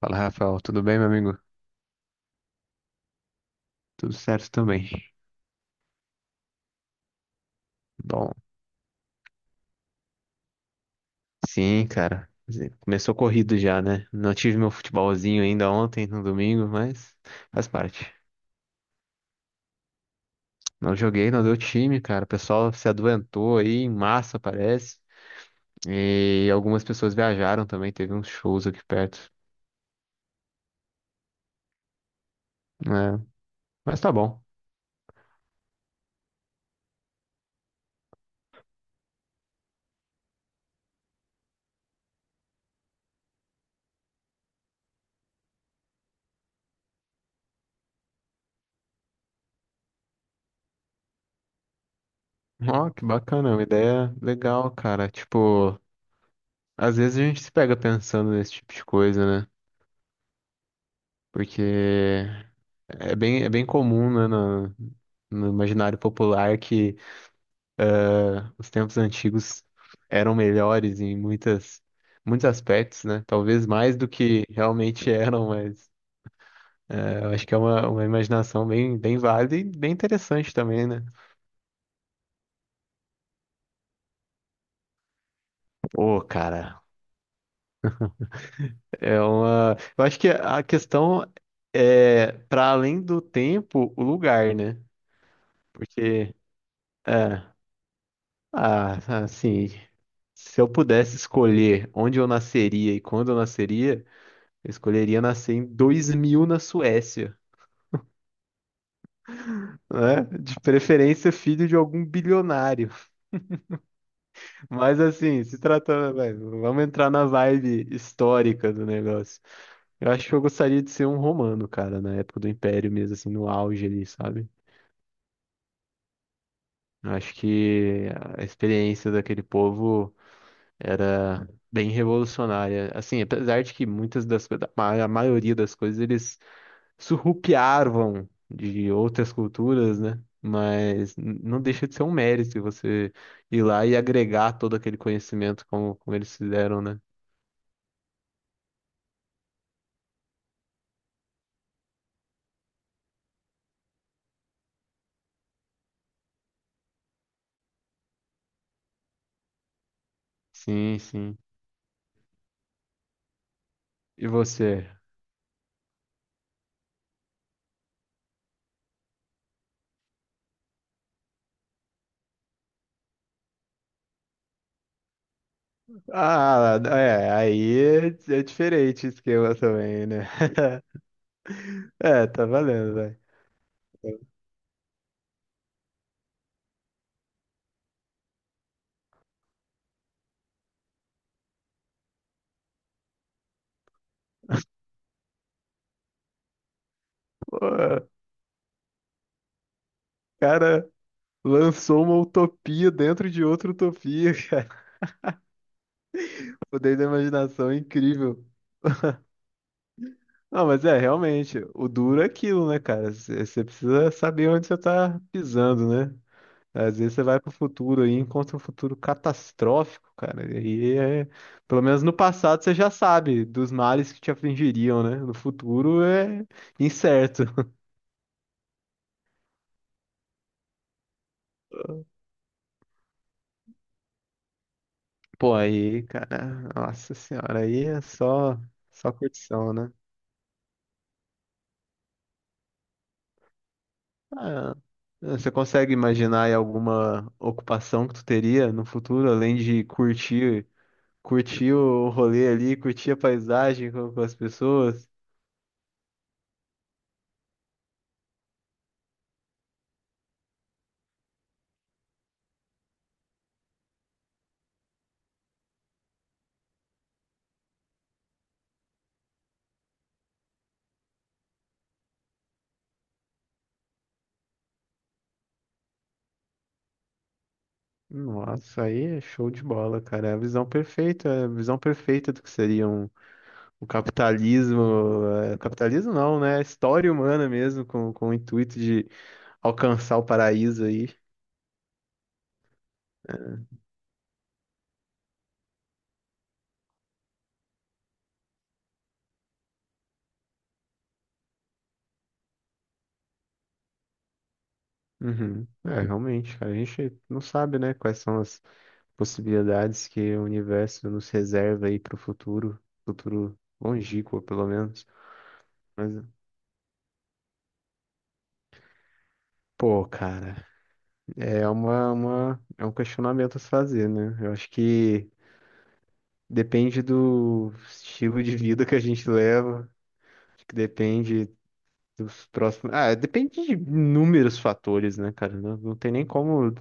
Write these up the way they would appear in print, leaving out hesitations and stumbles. Fala, Rafael. Tudo bem, meu amigo? Tudo certo também. Bom, sim, cara. Quer dizer, começou corrido já, né? Não tive meu futebolzinho ainda ontem, no domingo, mas faz parte. Não joguei, não deu time, cara. O pessoal se adoentou aí em massa, parece. E algumas pessoas viajaram também. Teve uns shows aqui perto, né? Mas tá bom. Ó, que bacana. Uma ideia legal, cara. Tipo, às vezes a gente se pega pensando nesse tipo de coisa, né? Porque. É bem comum, né, no imaginário popular que os tempos antigos eram melhores em muitas, muitos aspectos, né? Talvez mais do que realmente eram, mas é, eu acho que é uma imaginação bem, bem válida e bem interessante também, né? Pô, cara, é uma. Eu acho que a questão é para além do tempo, o lugar, né? Porque. É. Ah, assim, se eu pudesse escolher onde eu nasceria e quando eu nasceria, eu escolheria nascer em 2000 na Suécia, né? De preferência filho de algum bilionário. Mas assim, se tratando, vai, vamos entrar na vibe histórica do negócio. Eu acho que eu gostaria de ser um romano, cara, na época do Império mesmo, assim, no auge ali, sabe? Eu acho que a experiência daquele povo era bem revolucionária. Assim, apesar de que muitas a maioria das coisas eles surrupiavam de outras culturas, né? Mas não deixa de ser um mérito você ir lá e agregar todo aquele conhecimento como eles fizeram, né? Sim, sim. E você? Ah, é, aí é diferente o esquema também, né? É, tá valendo, velho. Pô, o cara lançou uma utopia dentro de outra utopia. Poder da imaginação é incrível. Não, mas é, realmente, o duro é aquilo, né, cara? Você precisa saber onde você tá pisando, né? Às vezes você vai pro futuro aí, e encontra um futuro catastrófico, cara. E aí é, pelo menos no passado você já sabe dos males que te afligiriam, né? No futuro é incerto. Pô, aí, cara, nossa senhora, aí é só, só curtição, né? Ah, você consegue imaginar aí alguma ocupação que tu teria no futuro, além de curtir, curtir o rolê ali, curtir a paisagem com as pessoas? Nossa, aí é show de bola, cara. É a visão perfeita, é a visão perfeita do que seria o capitalismo. É, capitalismo não, né? A História humana mesmo, com o intuito de alcançar o paraíso aí. Uhum. É, realmente, cara, a gente não sabe, né, quais são as possibilidades que o universo nos reserva aí pro futuro, futuro longínquo, pelo menos. Mas, pô, cara, é um questionamento a se fazer, né? Eu acho que depende do estilo de vida que a gente leva, acho que depende dos próximos. Ah, depende de inúmeros fatores, né, cara? Não, não tem nem como.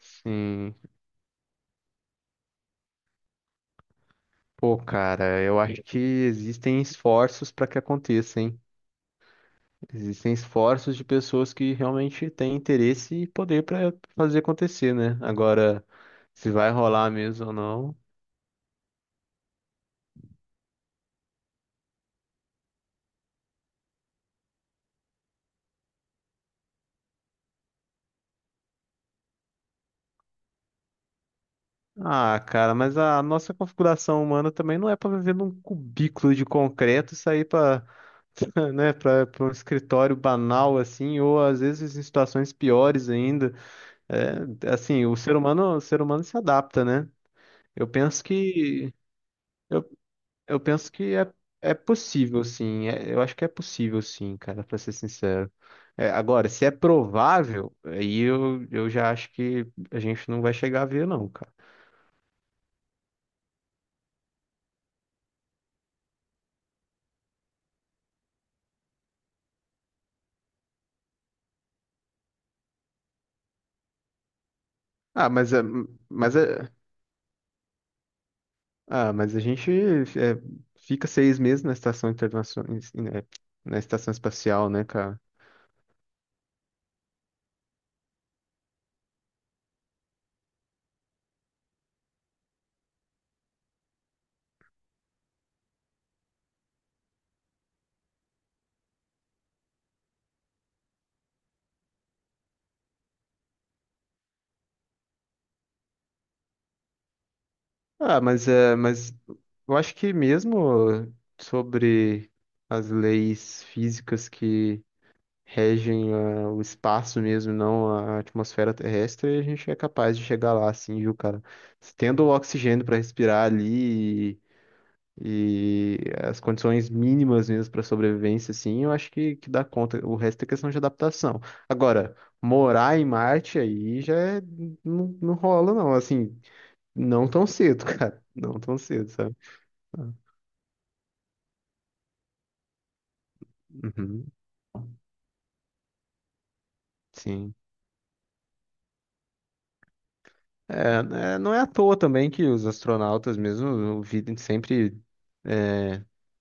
Sim. Pô, cara, eu acho que existem esforços para que aconteça, hein? Existem esforços de pessoas que realmente têm interesse e poder para fazer acontecer, né? Agora, se vai rolar mesmo ou não. Ah, cara, mas a nossa configuração humana também não é para viver num cubículo de concreto e sair para, né, para um escritório banal assim, ou às vezes em situações piores ainda. É, assim, o ser humano se adapta, né? Eu penso que eu Eu penso que é possível, sim. Eu acho que é possível, sim, cara, pra ser sincero. É, agora, se é provável, aí eu já acho que a gente não vai chegar a ver, não, cara. Ah, mas, é- mas, é- mas a gente fica 6 meses na estação internacional, na estação espacial, né, cara? Mas eu acho que mesmo sobre as leis físicas que regem o espaço mesmo, não a atmosfera terrestre, e a gente é capaz de chegar lá, assim, viu, cara? Tendo o oxigênio para respirar ali e as condições mínimas mesmo para sobrevivência, assim, eu acho que dá conta. O resto é questão de adaptação. Agora, morar em Marte aí já não, não rola, não, assim, não tão cedo, cara. Não tão cedo, sabe? Ah, uhum, sim. É, né, não é à toa também que os astronautas mesmo, o vida sempre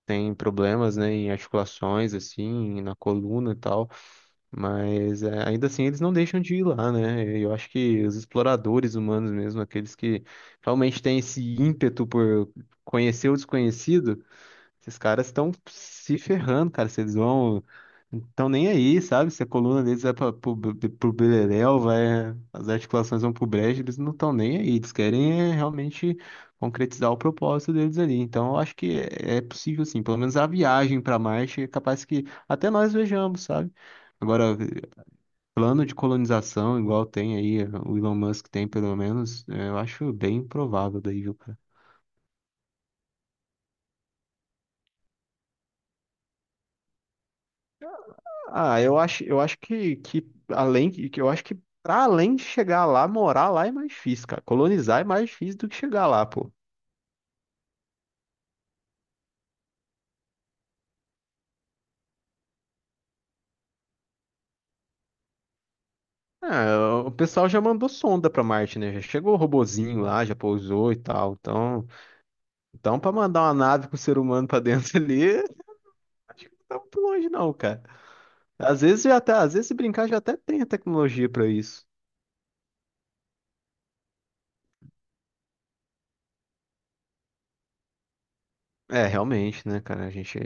tem problemas, né, em articulações, assim, na coluna e tal. Mas é, ainda assim eles não deixam de ir lá, né? Eu acho que os exploradores humanos mesmo, aqueles que realmente têm esse ímpeto por conhecer o desconhecido, esses caras estão se ferrando, cara. Vocês vão. Estão nem aí, sabe? Se a coluna deles vai pro beleléu, vai, as articulações vão pro brejo, eles não estão nem aí. Eles querem é, realmente concretizar o propósito deles ali. Então, eu acho que é possível, sim. Pelo menos a viagem para Marte é capaz que até nós vejamos, sabe? Agora, plano de colonização, igual tem aí, o Elon Musk tem, pelo menos, é, eu acho bem provável daí, viu. Ah, eu acho que para além de chegar lá, morar lá é mais difícil, cara. Colonizar é mais difícil do que chegar lá, pô. Ah, o pessoal já mandou sonda pra Marte, né? Já chegou o robozinho lá, já pousou e tal. Então, para mandar uma nave com o ser humano pra dentro ali, acho que não tá muito longe não, cara. Às vezes se brincar já até tem a tecnologia pra isso. É, realmente, né, cara? A gente,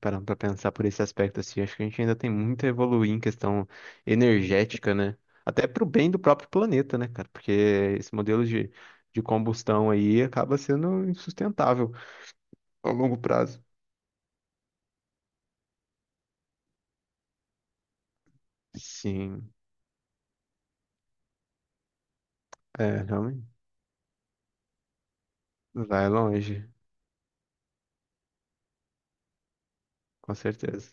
parando pra pensar por esse aspecto, assim, acho que a gente ainda tem muito a evoluir em questão energética, né? Até pro bem do próprio planeta, né, cara? Porque esse modelo de combustão aí acaba sendo insustentável a longo prazo. Sim, é, realmente. Vai longe, com certeza.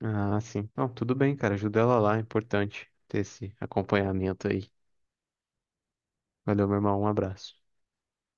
Ah, sim. Não, tudo bem, cara. Ajuda ela lá, é importante ter esse acompanhamento aí. Valeu, meu irmão. Um abraço.